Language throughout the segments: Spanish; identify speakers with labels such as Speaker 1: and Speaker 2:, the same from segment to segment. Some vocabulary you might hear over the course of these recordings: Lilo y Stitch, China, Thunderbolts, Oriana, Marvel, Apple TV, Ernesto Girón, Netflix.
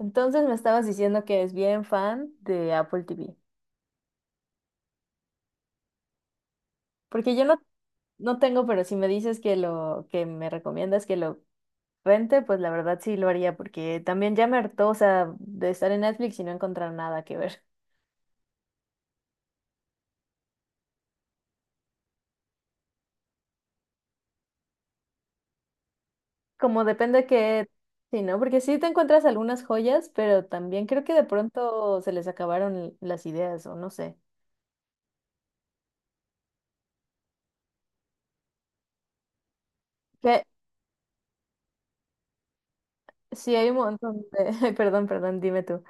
Speaker 1: Entonces me estabas diciendo que es bien fan de Apple TV. Porque yo no tengo, pero si me dices que lo que me recomiendas que lo rente, pues la verdad sí lo haría, porque también ya me hartó, o sea, de estar en Netflix y no encontrar nada que ver. Como depende que, sí, ¿no? Porque sí te encuentras algunas joyas, pero también creo que de pronto se les acabaron las ideas, o no sé. Que sí hay un montón de, perdón, perdón, dime tú.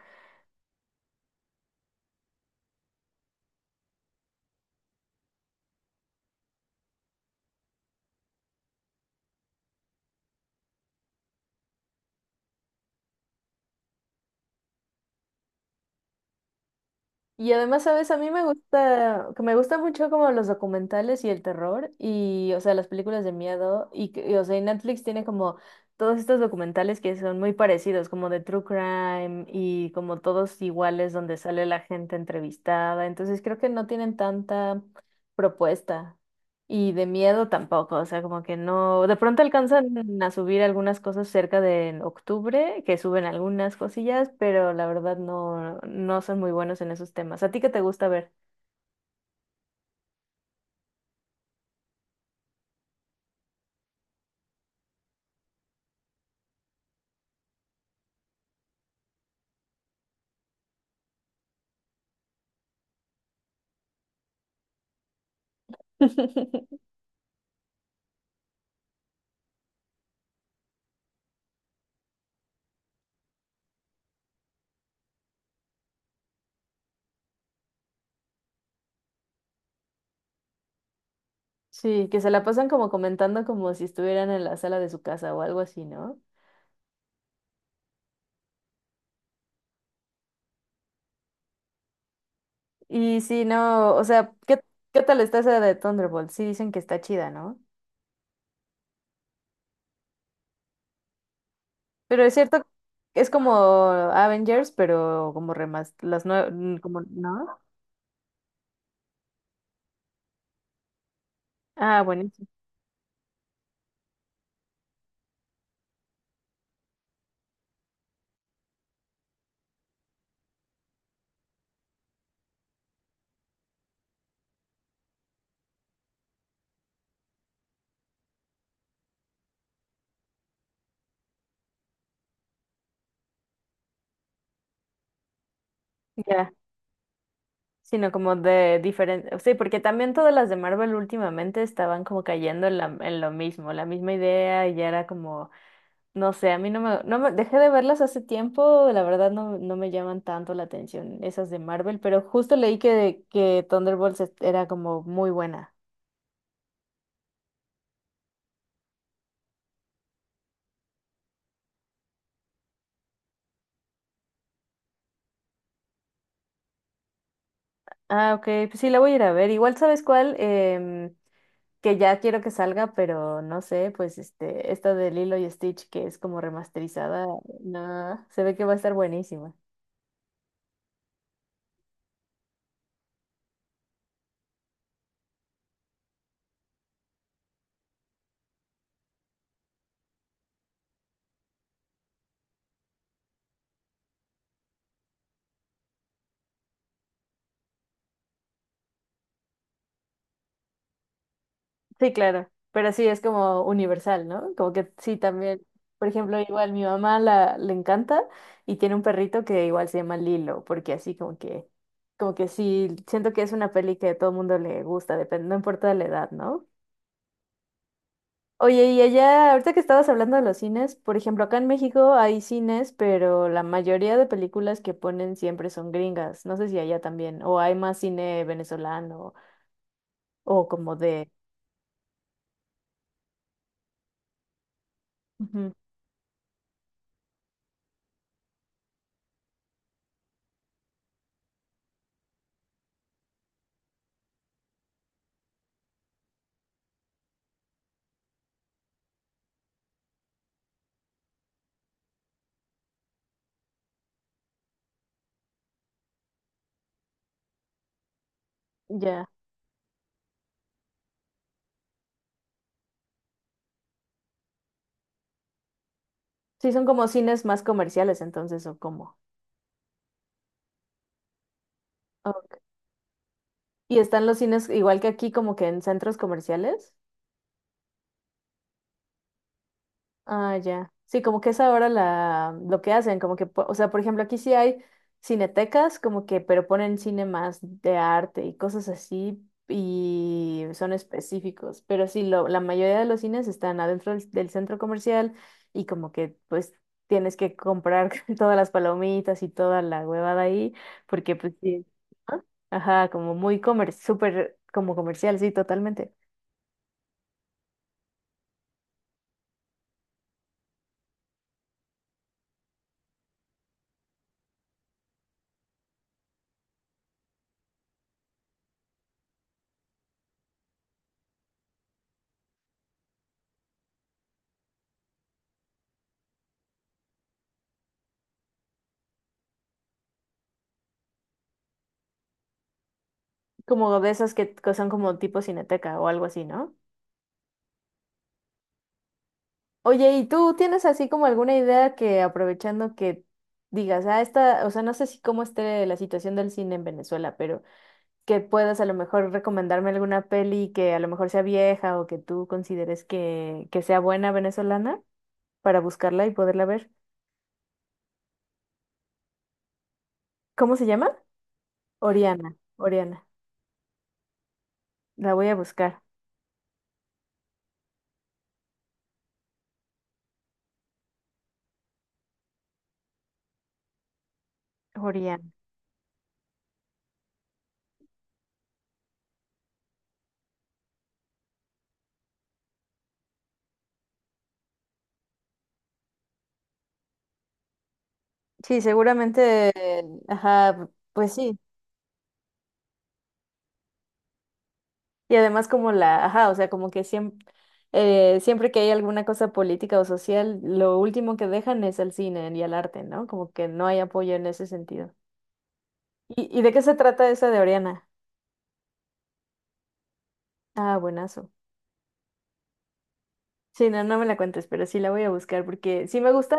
Speaker 1: Y además, ¿sabes? A mí me gusta, que me gusta mucho como los documentales y el terror y, o sea, las películas de miedo y, o sea, y Netflix tiene como todos estos documentales que son muy parecidos, como de True Crime y como todos iguales donde sale la gente entrevistada. Entonces creo que no tienen tanta propuesta. Y de miedo tampoco, o sea, como que no, de pronto alcanzan a subir algunas cosas cerca de en octubre, que suben algunas cosillas, pero la verdad no son muy buenos en esos temas. ¿A ti qué te gusta ver? Sí, que se la pasan como comentando como si estuvieran en la sala de su casa o algo así, ¿no? Y sí, no, o sea, ¿qué, qué tal está esa de Thunderbolt? Sí dicen que está chida, ¿no? Pero es cierto, es como Avengers, pero como como, ¿no? Ah, buenísimo. Ya, sino como de diferente, sí, porque también todas las de Marvel últimamente estaban como cayendo en, en lo mismo, la misma idea y ya era como, no sé, a mí no me, dejé de verlas hace tiempo, la verdad no me llaman tanto la atención esas de Marvel, pero justo leí que era como muy buena. Ah, ok, pues sí, la voy a ir a ver, igual sabes cuál. Que ya quiero que salga, pero no sé, pues este, esta de Lilo y Stitch que es como remasterizada, no, se ve que va a estar buenísima. Sí, claro, pero sí es como universal, ¿no? Como que sí también, por ejemplo, igual mi mamá la le encanta y tiene un perrito que igual se llama Lilo, porque así como que sí siento que es una peli que a todo el mundo le gusta, depende, no importa la edad, ¿no? Oye, y allá, ahorita que estabas hablando de los cines, por ejemplo, acá en México hay cines, pero la mayoría de películas que ponen siempre son gringas. No sé si allá también, o hay más cine venezolano o como de. Ujú. Ya. Sí, son como cines más comerciales, entonces, ¿o cómo? Ok. Y están los cines igual que aquí, como que en centros comerciales. Ah, ya. Sí, como que es ahora la, lo que hacen, como que, o sea, por ejemplo, aquí sí hay cinetecas, como que, pero ponen cine más de arte y cosas así, y son específicos, pero sí, lo, la mayoría de los cines están adentro del, del centro comercial y como que, pues, tienes que comprar todas las palomitas y toda la huevada ahí, porque, pues, sí. ¿No? Ajá, como muy comer, súper, como comercial, sí, totalmente. Como de esas que son como tipo cineteca o algo así, ¿no? Oye, ¿y tú tienes así como alguna idea que aprovechando que digas, ah, esta, o sea, no sé si cómo esté la situación del cine en Venezuela, pero que puedas a lo mejor recomendarme alguna peli que a lo mejor sea vieja o que tú consideres que sea buena venezolana para buscarla y poderla ver? ¿Cómo se llama? Oriana, Oriana. La voy a buscar. Oriana. Sí, seguramente, ajá, pues sí. Y además como la, ajá, o sea, como que siempre, siempre que hay alguna cosa política o social, lo último que dejan es al cine y al arte, ¿no? Como que no hay apoyo en ese sentido. Y de qué se trata esa de Oriana? Ah, buenazo. Sí, no, no me la cuentes, pero sí la voy a buscar porque sí me gusta,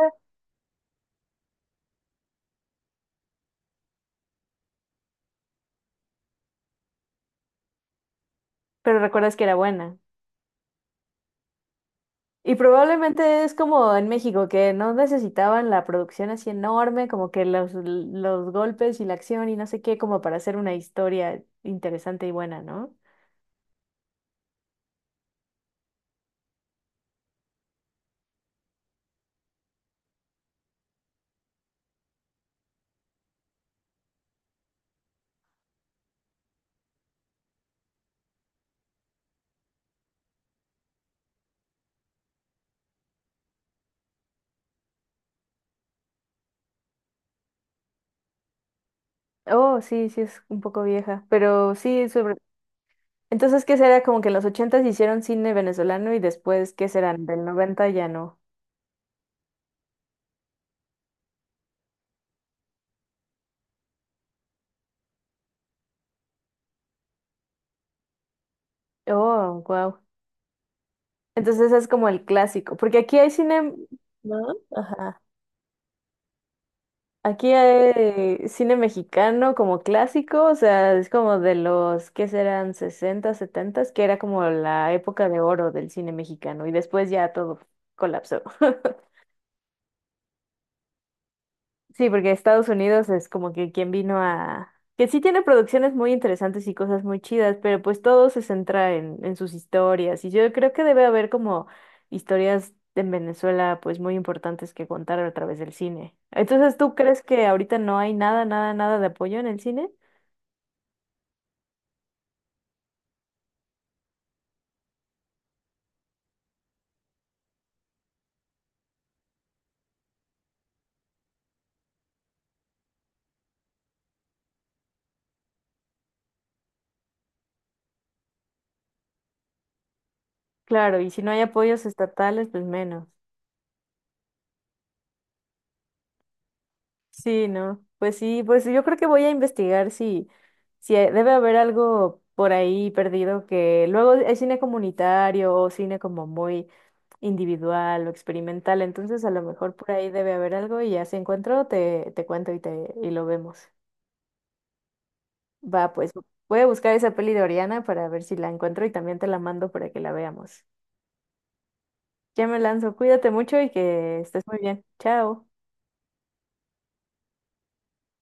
Speaker 1: pero recuerdas que era buena. Y probablemente es como en México, que no necesitaban la producción así enorme, como que los golpes y la acción y no sé qué, como para hacer una historia interesante y buena, ¿no? Oh, sí, sí es un poco vieja, pero sí, sobre... Entonces, ¿qué será? Como que en los ochentas hicieron cine venezolano y después, ¿qué serán? Del noventa ya no. Oh, wow. Entonces es como el clásico, porque aquí hay cine, ¿no? Ajá. Aquí hay cine mexicano como clásico, o sea, es como de los, ¿qué serán? 60, 70, que era como la época de oro del cine mexicano y después ya todo colapsó. Sí, porque Estados Unidos es como que quien vino a... que sí tiene producciones muy interesantes y cosas muy chidas, pero pues todo se centra en sus historias. Y yo creo que debe haber como historias en Venezuela pues muy importantes que contar a través del cine. Entonces, ¿tú crees que ahorita no hay nada de apoyo en el cine? Claro, y si no hay apoyos estatales, pues menos. Sí, no. Pues sí, pues yo creo que voy a investigar si, si hay- debe haber algo por ahí perdido que luego hay cine comunitario o cine como muy individual o experimental, entonces a lo mejor por ahí debe haber algo y ya si encuentro te, te cuento y te y lo vemos. Va, pues voy a buscar esa peli de Oriana para ver si la encuentro y también te la mando para que la veamos. Ya me lanzo, cuídate mucho y que estés muy bien. Chao.